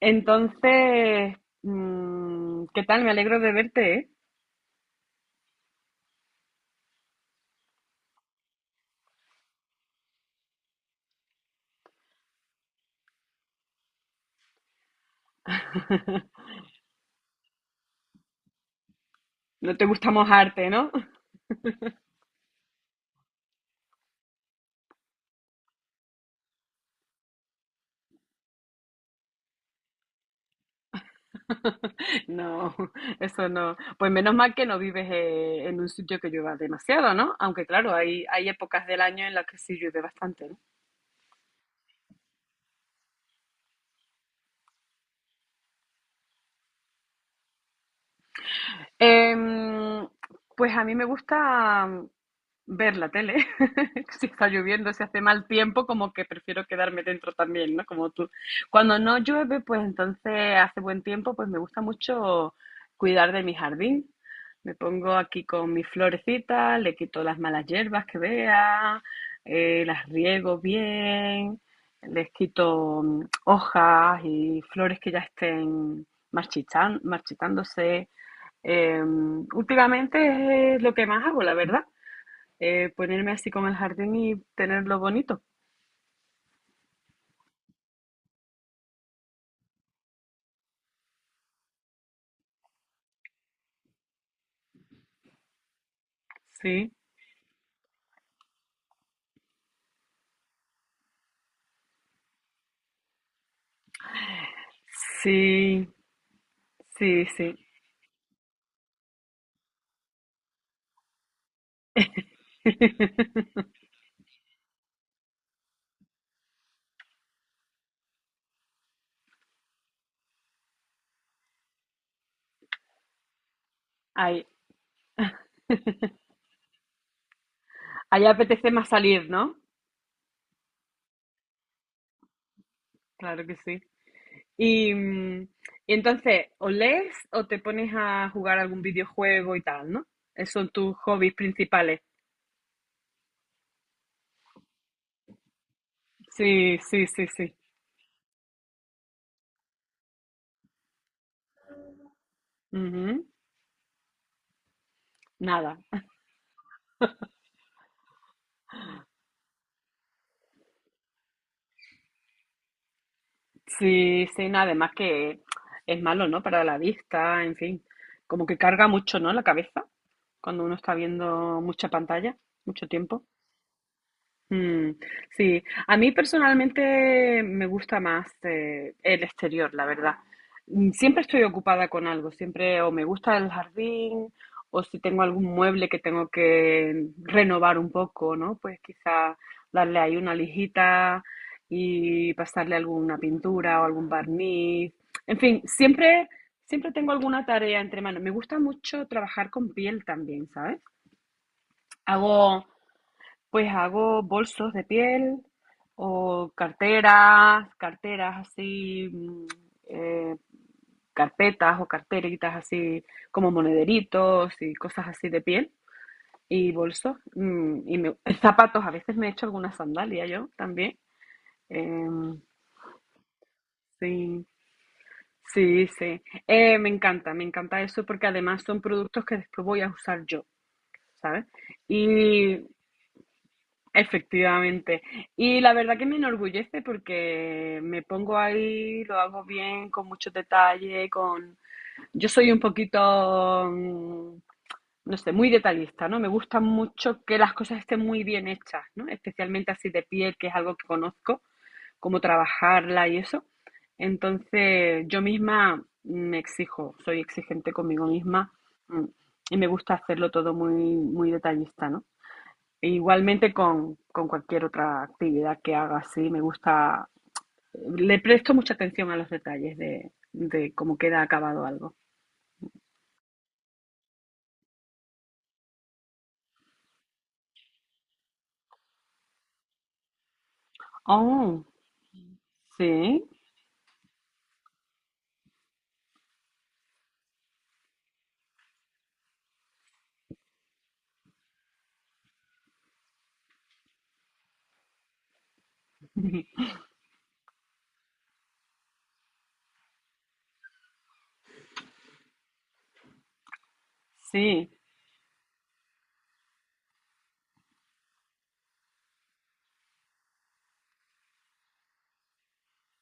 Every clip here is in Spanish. Entonces, ¿qué tal? Me alegro de verte, ¿eh? No te gusta mojarte, ¿no? No, eso no. Pues menos mal que no vives en un sitio que llueva demasiado, ¿no? Aunque claro, hay épocas del año en las que sí llueve bastante, ¿no? Em, pues a mí me gusta ver la tele. Si está lloviendo, si hace mal tiempo, como que prefiero quedarme dentro también, ¿no? Como tú. Cuando no llueve, pues entonces hace buen tiempo, pues me gusta mucho cuidar de mi jardín. Me pongo aquí con mis florecitas, le quito las malas hierbas que vea, las riego bien, les quito hojas y flores que ya estén marchitándose. Últimamente es lo que más hago, la verdad, ponerme así como el jardín y tenerlo bonito. Sí, sí, sí, sí. Ahí, ahí apetece más salir, ¿no? Claro que sí. Y, y entonces, o lees o te pones a jugar algún videojuego y tal, ¿no? Esos son tus hobbies principales. Sí, sí, sí, sí. Ujú. Nada. Sí, sí, nada. Además que es malo, ¿no? Para la vista, en fin. Como que carga mucho, ¿no? La cabeza, cuando uno está viendo mucha pantalla, mucho tiempo. Mm, sí, a mí personalmente me gusta más el exterior, la verdad. Siempre estoy ocupada con algo, siempre o me gusta el jardín o si tengo algún mueble que tengo que renovar un poco, ¿no? Pues quizá darle ahí una lijita y pasarle alguna pintura o algún barniz. En fin, siempre, siempre tengo alguna tarea entre manos. Me gusta mucho trabajar con piel también, ¿sabes? Hago, pues hago bolsos de piel o carteras, carteras así, eh, carpetas o carteritas así como monederitos y cosas así de piel y bolsos zapatos. A veces me he hecho alguna sandalia yo también. Em, sí, sí, sí. Me encanta eso porque además son productos que después voy a usar yo, ¿sabes? Y efectivamente. Y la verdad que me enorgullece porque me pongo ahí, lo hago bien, con mucho detalle, con... Yo soy un poquito, mm, no sé, muy detallista, ¿no? Me gusta mucho que las cosas estén muy bien hechas, ¿no? Especialmente así de piel, que es algo que conozco, cómo trabajarla y eso. Entonces, yo misma me exijo, soy exigente conmigo misma, mm, y me gusta hacerlo todo muy, muy detallista, ¿no? E igualmente con cualquier otra actividad que haga, sí, me gusta, le presto mucha atención a los detalles de cómo queda acabado algo. Oh, sí, sí.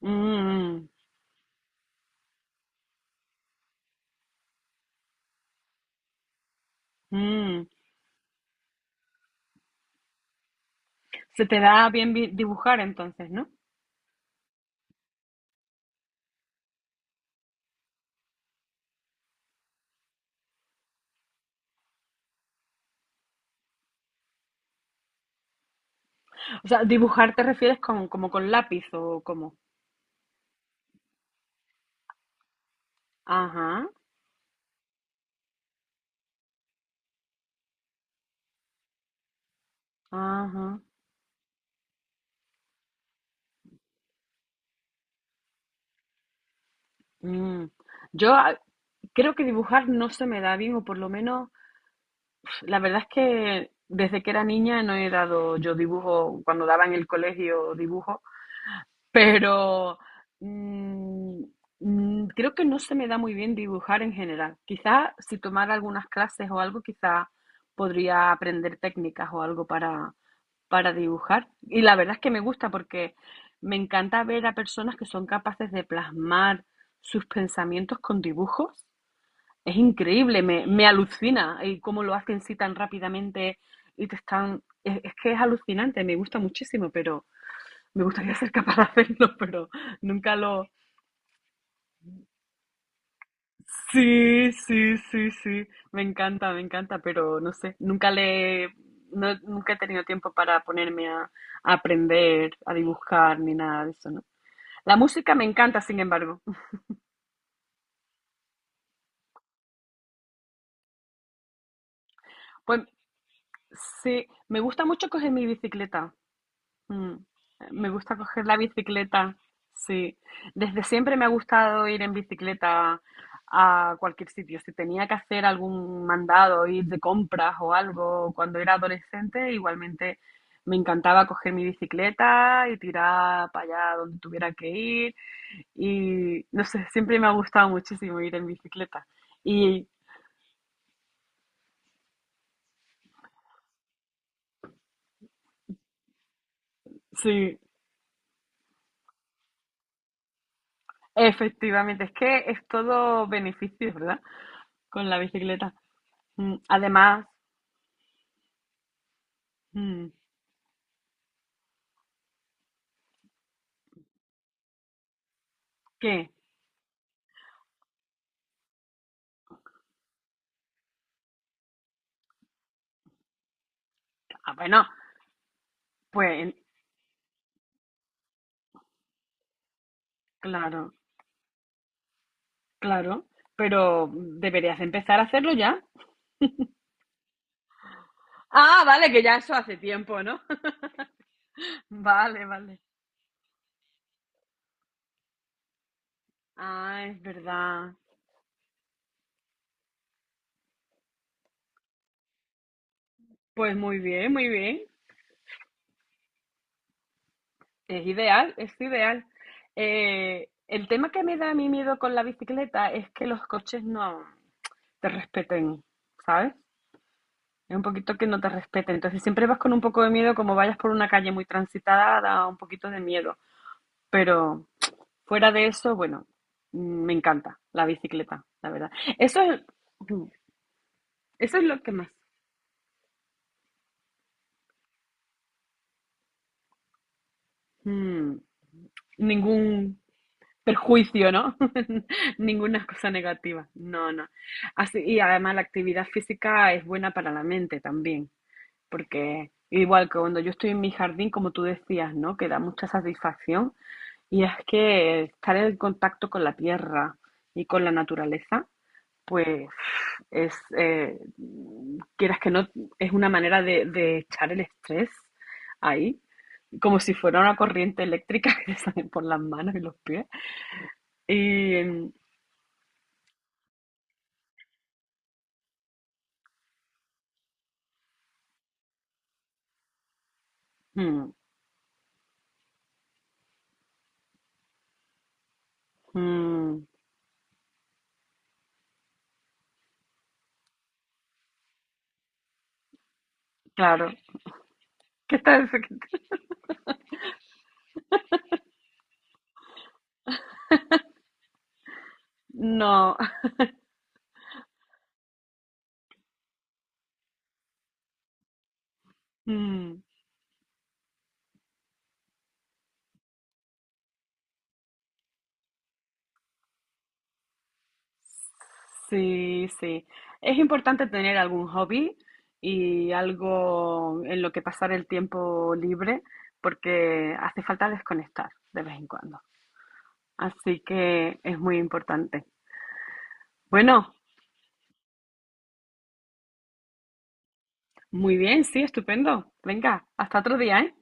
Mm, mm. Se te da bien dibujar entonces, ¿no? O sea, dibujar te refieres con, como con lápiz o como. Ajá, ajá. mm. Yo creo que dibujar no se me da bien, o por lo menos, la verdad es que desde que era niña no he dado yo dibujo, cuando daba en el colegio dibujo, pero mm, creo que no se me da muy bien dibujar en general. Quizás si tomara algunas clases o algo, quizás podría aprender técnicas o algo para dibujar. Y la verdad es que me gusta porque me encanta ver a personas que son capaces de plasmar sus pensamientos con dibujos, es increíble, me alucina y cómo lo hacen sí tan rápidamente y te están... es que es alucinante, me gusta muchísimo, pero me gustaría ser capaz de hacerlo, pero nunca lo... Sí, sí, sí, sí, me encanta, pero no sé, nunca le... nunca he tenido tiempo para ponerme a aprender, a dibujar, ni nada de eso, ¿no? La música me encanta, sin embargo. Pues sí, me gusta mucho coger mi bicicleta. Mm, Me gusta coger la bicicleta, sí. Desde siempre me ha gustado ir en bicicleta a cualquier sitio. Si tenía que hacer algún mandado, ir de compras o algo, cuando era adolescente, igualmente me encantaba coger mi bicicleta y tirar para allá donde tuviera que ir. Y no sé, siempre me ha gustado muchísimo ir en bicicleta. Y sí, efectivamente, es que es todo beneficios, ¿verdad? Con la bicicleta. Además, mm, ¿qué? Ah, bueno, pues claro, claro, pero deberías empezar a hacerlo ya. Ah, vale, que ya eso hace tiempo, ¿no? Vale, vale. Ah, es verdad. Pues muy bien, muy bien. Es ideal, es ideal. El tema que me da a mí miedo con la bicicleta es que los coches no te respeten, ¿sabes? Es un poquito que no te respeten. Entonces siempre vas con un poco de miedo, como vayas por una calle muy transitada, da un poquito de miedo. Pero fuera de eso, bueno, mm, me encanta la bicicleta, la verdad. Eso es, mm, eso es lo que más. mm, Ningún perjuicio, ¿no? Ninguna cosa negativa. No, no. Así, y además la actividad física es buena para la mente también, porque igual que cuando yo estoy en mi jardín, como tú decías, ¿no? Que da mucha satisfacción y es que estar en contacto con la tierra y con la naturaleza, pues es, quieras que no, es una manera de echar el estrés ahí, como si fuera una corriente eléctrica que te sale por las manos y los pies. Y mm, mm, claro, ¿qué tal? No. mm, Sí, sí. Es importante tener algún hobby y algo en lo que pasar el tiempo libre porque hace falta desconectar de vez en cuando. Así que es muy importante. Bueno, muy bien, sí, estupendo. Venga, hasta otro día, ¿eh?